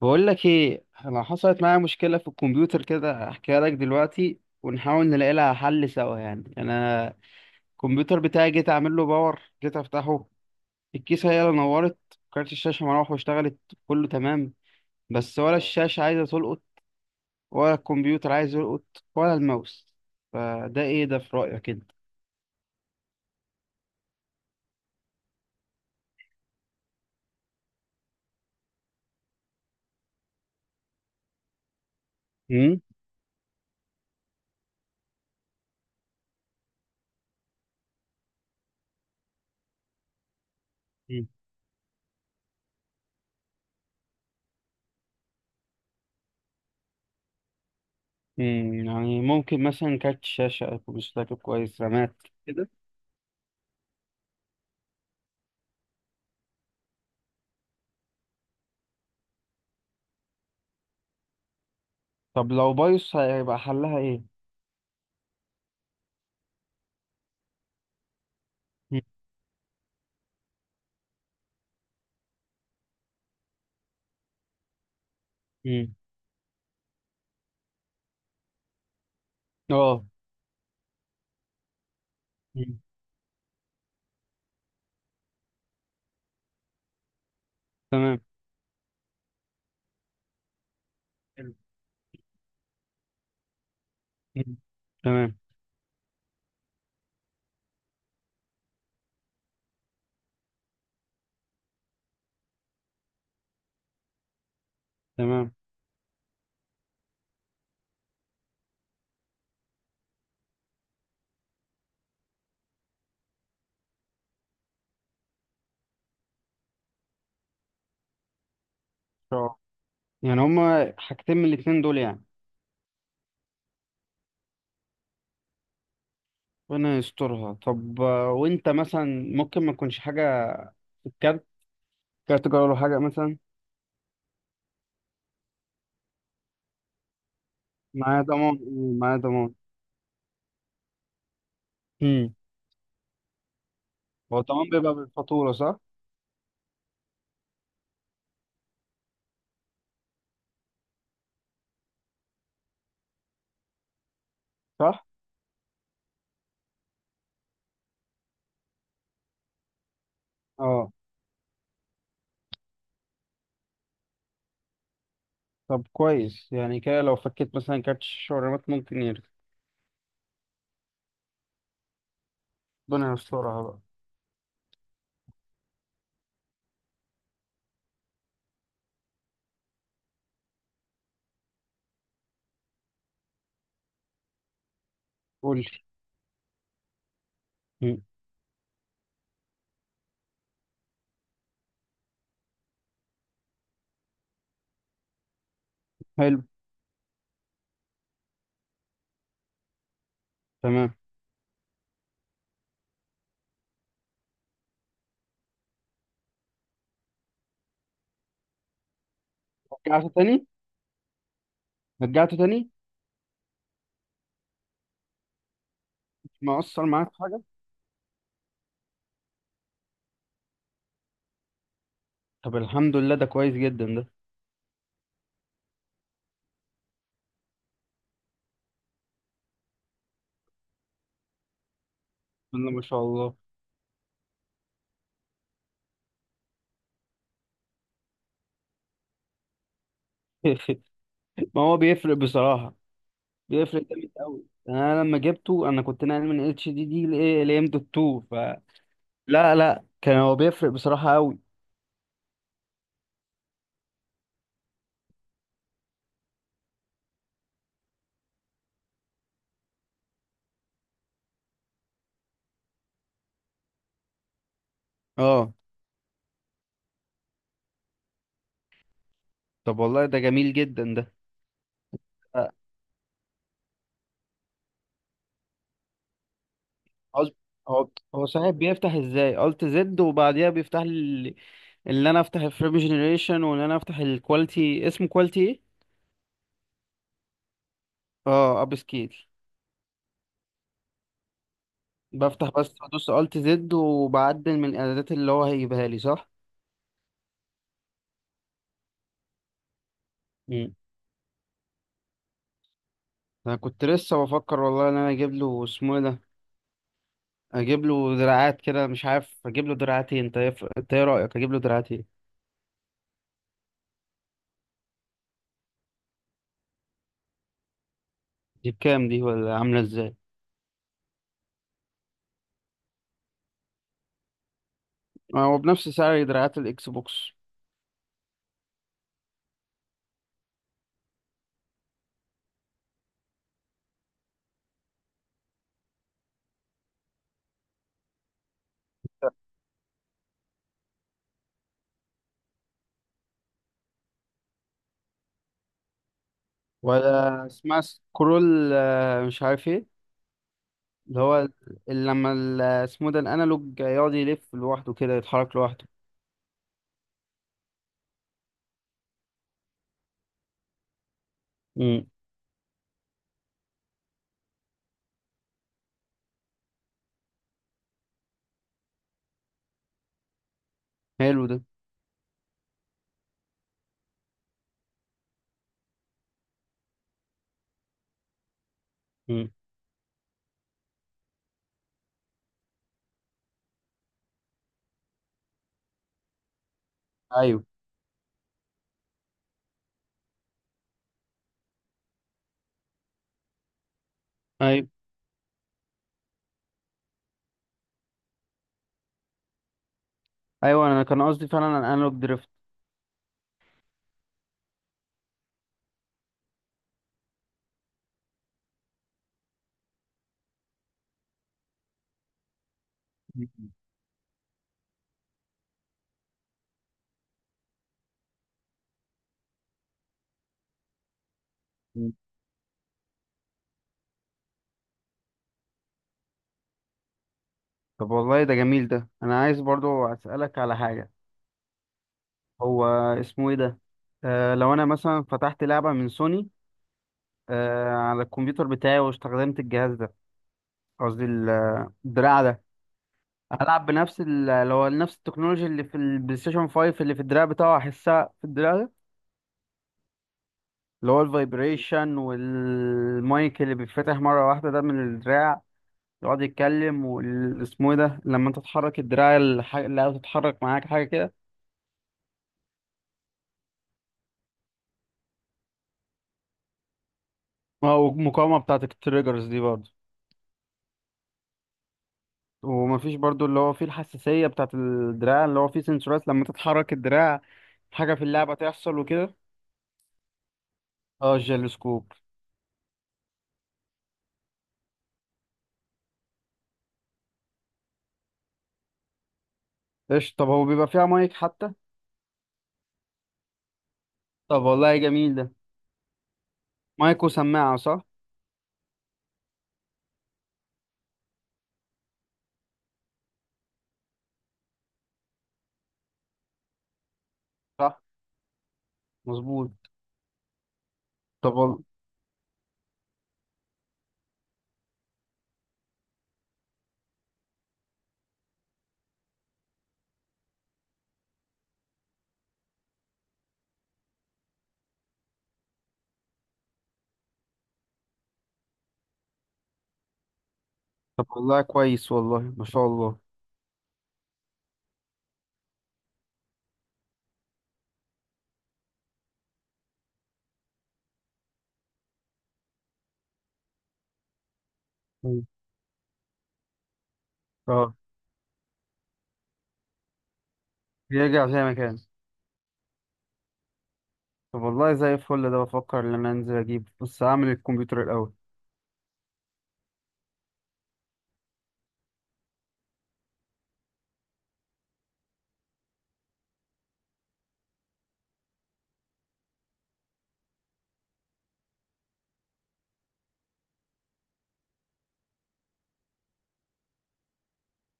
بقول لك ايه، انا حصلت معايا مشكله في الكمبيوتر كده. احكيها لك دلوقتي ونحاول نلاقي لها حل سوا. يعني انا الكمبيوتر بتاعي جيت اعمل له باور، جيت افتحه الكيسه هي اللي نورت، كارت الشاشه مروح واشتغلت. كله تمام. بس ولا الشاشه عايزه تلقط ولا الكمبيوتر عايز يلقط ولا الماوس. فده ايه ده في رايك كده؟ امم يعني ممكن مثلا كارت الشاشه، أكون مش فاكر كويس، رامات كده. طب لو بايظ هيبقى حلها ايه؟ مم. مم. اه، تمام. حلو. مم. تمام تمام. ان شاء الله. يعني هما حاجتين من الاتنين دول يعني. ربنا يسترها. طب، وانت مثلا ممكن ما تكونش حاجة في الكارت، كارت جوه ولا حاجة مثلا؟ معايا ضمان، إيه، معايا ضمان. امم هو الضمان بيبقى بالفاتورة، صح؟ صح؟ اه. طب كويس. يعني كده لو فكيت مثلا كارت الشاشة والرامات ممكن يرجع؟ ربنا يسترها بقى. قول لي. مم. حلو. تمام. رجعته تاني؟ رجعته تاني؟ ما أثر معاك في حاجة؟ طب الحمد لله، ده كويس جدا ده. بسم الله ما شاء الله. ما هو بيفرق بصراحة. بيفرق جامد قوي. انا لما جبته انا كنت ناقل من اتش دي دي لام دوت 2 ف لا لا، كان هو بيفرق بصراحة قوي. اه. طب والله ده جميل جدا ده. آه، قصد- هو هو صحيح بيفتح ازاي الت زد وبعديها بيفتح لي اللي انا افتح الفريم جنريشن؟ وان انا افتح الكواليتي، اسمه كواليتي ايه؟ اه، اب سكيل. بفتح بس بدوس الت زد وبعدل من الاعدادات اللي هو هيجيبها لي، صح؟ انا كنت لسه بفكر والله ان انا اجيب له، اسمه إيه ده، اجيب له دراعات كده. مش عارف اجيب له دراعتين. انت ايه رايك اجيب له دراعتين؟ دي بكام دي ولا عامله ازاي؟ هو بنفس سعر دراعات الاكس بوكس؟ ولا اسمها سكرول، مش عارف ايه، اللي هو اللي لما اسمه ده الانالوج يقعد يلف لوحده كده، يتحرك لوحده. امم حلو ده. امم ايوه. ايوه ايوه، انا كان قصدي فعلا الانالوج دريفت. مم. طب والله ده جميل ده. انا عايز برضو اسالك على حاجه. هو اسمه ايه ده، لو انا مثلا فتحت لعبة من سوني على الكمبيوتر بتاعي واستخدمت الجهاز ده، قصدي الدراع ده، هلعب بنفس اللي هو نفس التكنولوجيا اللي في البلاي ستيشن 5 اللي في الدراع بتاعه هحسها في الدراع ده؟ اللي هو الفايبريشن، والمايك اللي بيتفتح مرة واحدة ده من الدراع يقعد يتكلم. واسمه ايه ده، لما انت تحرك الدراع اللي تتحرك معاك حاجة كده. اه، والمقاومة بتاعت التريجرز دي برضه. ومفيش برضو اللي هو فيه الحساسية بتاعت الدراع اللي هو فيه سنسورات لما تتحرك الدراع حاجة في اللعبة تحصل وكده. اه، الجيلوسكوب. ايش؟ طب هو بيبقى فيها مايك حتى؟ طب والله جميل ده. مايك وسماعة، صح؟ صح. مظبوط. طب طب والله كويس، والله ما شاء الله. مم. اه، بيرجع زي ما كان. طب والله زي الفل، ده بفكر ان انا انزل اجيب، بس هعمل الكمبيوتر الاول.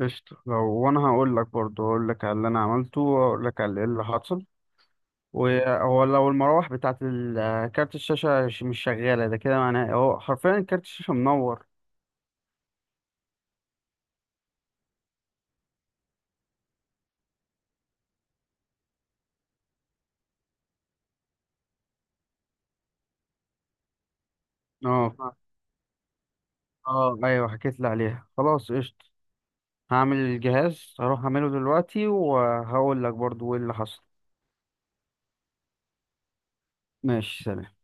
قشطة. لو وانا هقول لك على اللي انا عملته واقول لك على اللي حصل. وهو لو المراوح بتاعت كارت الشاشة مش شغالة ده، كده معناه هو حرفيا كارت الشاشة منور. اه اه. ايوه، حكيت لي عليها. خلاص، قشطة. هعمل الجهاز، هروح اعمله دلوقتي وهقول لك برضو ايه اللي حصل. ماشي، سلام.